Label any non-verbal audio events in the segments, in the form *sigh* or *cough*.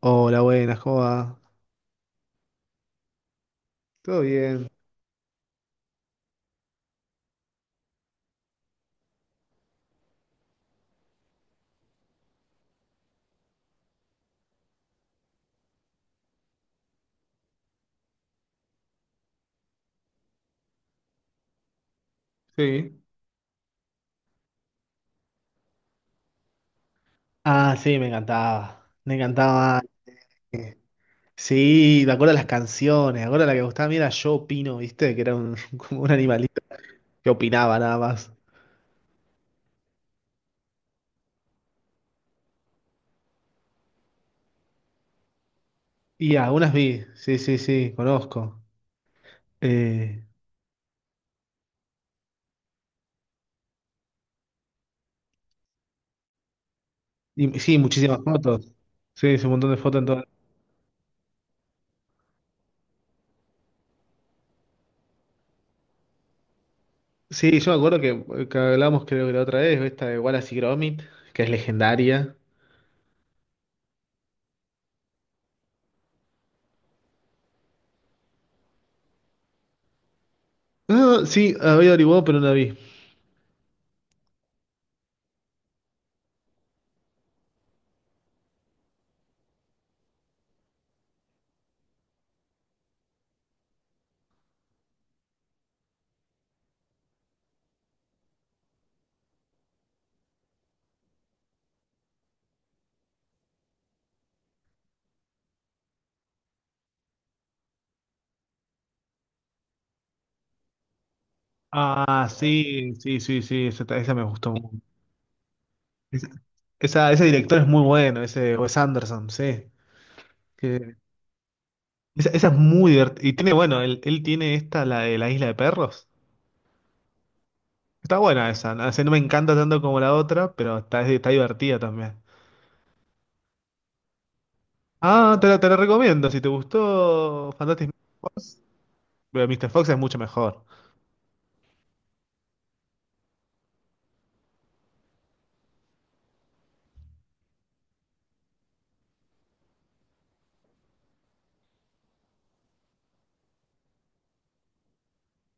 Hola, buenas, ¿cómo va? ¿Todo bien? Sí. Ah, sí, me encantaba. Me encantaba. *laughs* eh, Sí, me acuerdo de las canciones. Me acuerdo la que me gustaba a mí era Yo Opino, ¿viste? Que era un, *laughs* como un animalito que opinaba nada más. Y algunas vi. Sí, sí, sí, conozco. Eh, y sí, muchísimas fotos. Sí, es un montón de fotos en todo. Sí, yo me acuerdo que hablamos creo que la otra vez, esta de Wallace y Gromit, que es legendaria. Ah, sí, había averiguado, pero no la vi. Ah, sí, sí, sí, sí, esa, esa me gustó mucho. Esa, ese director es muy bueno, ese Wes Anderson, sí. Que, esa es muy divertida. Y tiene, bueno, él tiene esta, la de la isla de perros. Está buena esa, no, sé no me encanta tanto como la otra, pero está, está divertida también. Ah, te la recomiendo, si te gustó Fantastic Mr. Fox, pero Mr. Fox es mucho mejor.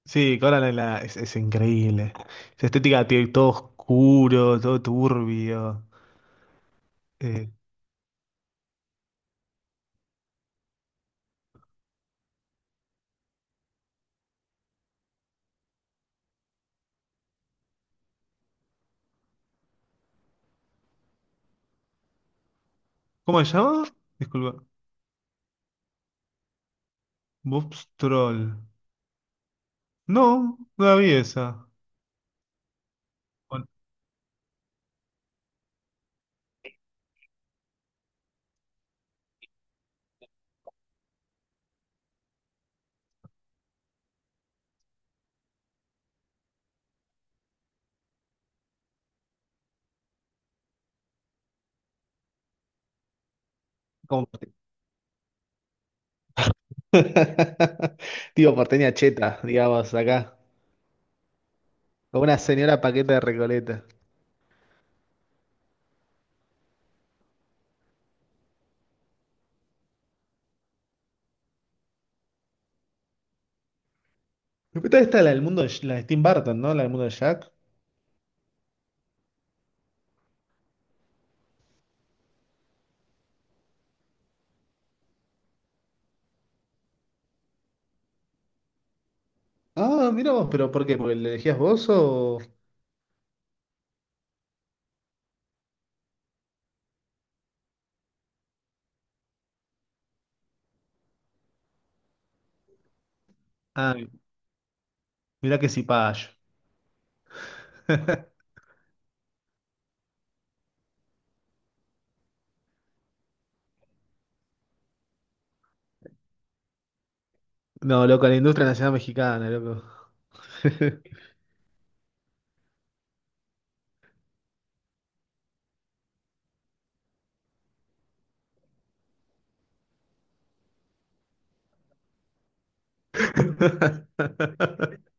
Sí, Coraline en la, es increíble. Esa estética tiene todo oscuro, todo turbio. Eh, ¿Cómo se llama? Disculpa. Bob's Troll. No, no la vi esa. Bueno, Como porte- Tipo *laughs* porteña cheta, digamos, acá. Con una señora paqueta de Recoleta. Después está la del mundo de, la de Tim Burton, ¿no? La del mundo de Jack. Ah, mira vos, pero ¿por qué? ¿Porque le elegías vos o...? Ah, mirá que si payo. *laughs* No, loco, la industria nacional mexicana, loco. *laughs*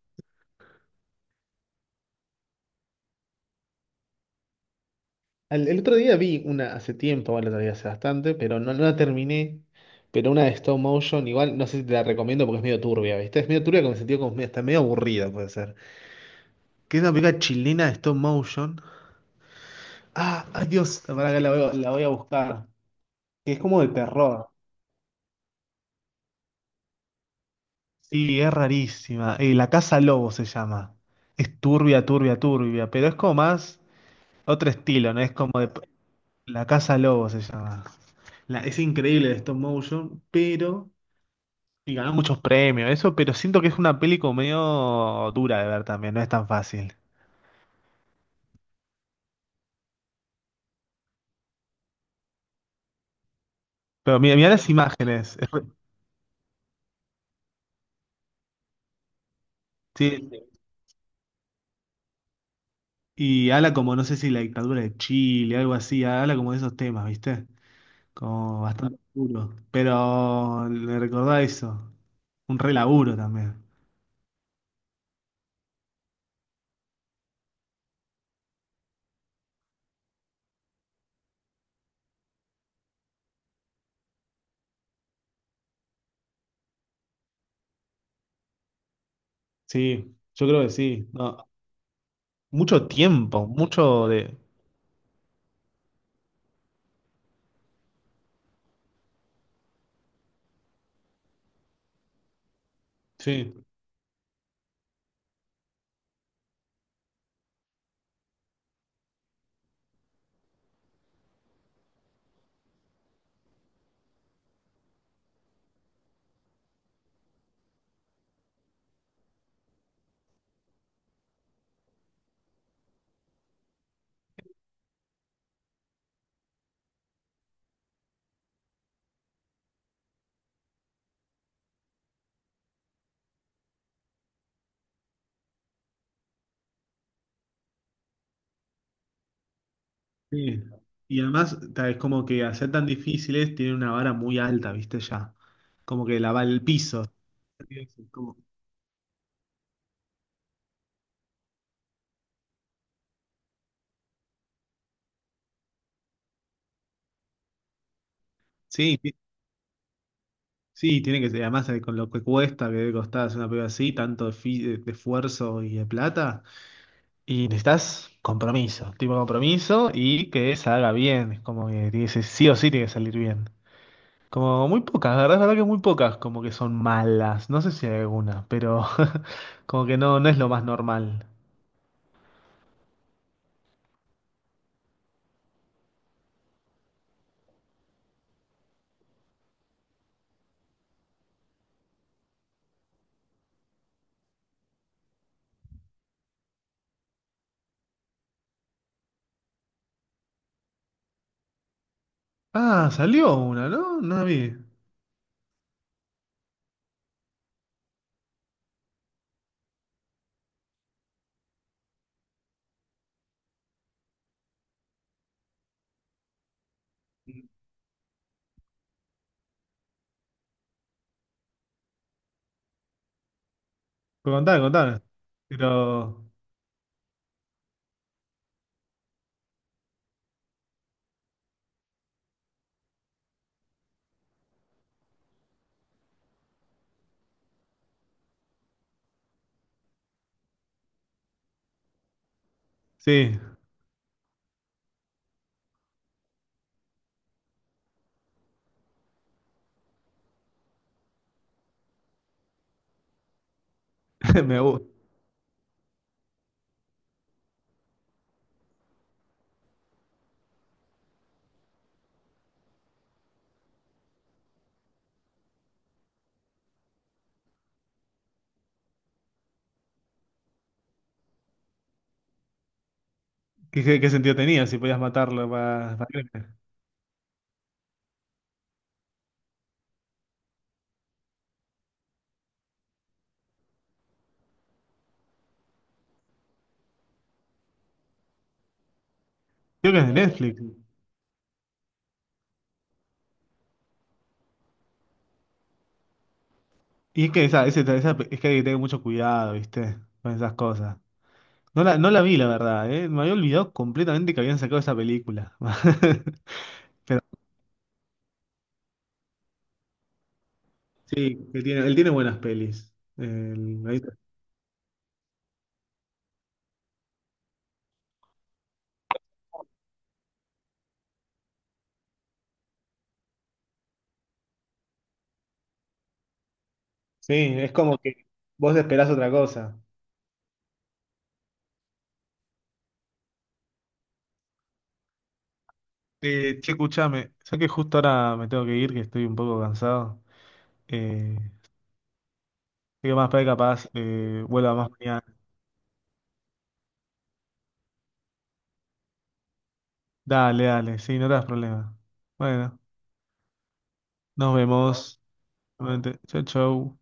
El otro día vi una hace tiempo, bueno, el otro día hace bastante, pero no, no la terminé. Pero una de stop motion, igual no sé si te la recomiendo porque es medio turbia, ¿viste? Es medio turbia con el sentido como está medio aburrida, puede ser. Que es una película chilena de stop motion. Ah, ay Dios, para que la voy a buscar. Que es como de terror. Sí, es rarísima. La Casa Lobo se llama. Es turbia, turbia, turbia, pero es como más otro estilo, ¿no? Es como de... La Casa Lobo se llama. Es increíble el stop motion, pero. Y ganó muchos premios, eso, pero siento que es una peli como medio dura de ver también, no es tan fácil. Pero mira, mira las imágenes. Sí. Y habla como, no sé si la dictadura de Chile, algo así, habla como de esos temas, ¿viste? Como bastante duro. Pero le recordá eso. Un re laburo también. Sí, yo creo que sí. No, mucho tiempo, mucho de. Sí. Sí. Y además, es como que al ser tan difíciles, tienen una vara muy alta, ¿viste? Ya. Como que la va el piso. Como- Sí, sí, tiene que ser. Además, con lo que cuesta, que debe costar hacer una prueba así, tanto de, de esfuerzo y de plata. Y necesitas compromiso, tipo compromiso y que salga bien. Es como que tiene que sí o sí tiene que salir bien. Como muy pocas, la verdad, es verdad que muy pocas como que son malas. No sé si hay alguna, pero *laughs* como que no, no es lo más normal. Ah, salió una, ¿no? No la vi. Pero contame, contame. Pero sí, *laughs* me gusta. ¿Qué, qué sentido tenía si podías matarlo para, creo que es de Netflix. Y es que esa, es que hay que tener mucho cuidado, ¿viste? Con esas cosas. No la, no la vi, la verdad, ¿eh? Me había olvidado completamente que habían sacado esa película. *laughs* Pero sí, que tiene, él tiene buenas pelis. Sí, es como que vos esperás otra cosa. Che, escuchame, ya que justo ahora me tengo que ir, que estoy un poco cansado. Eh, Así que más para capaz vuelva más mañana. Dale, dale, sí, no te das problema. Bueno, nos vemos. Nuevamente. Chau, chau.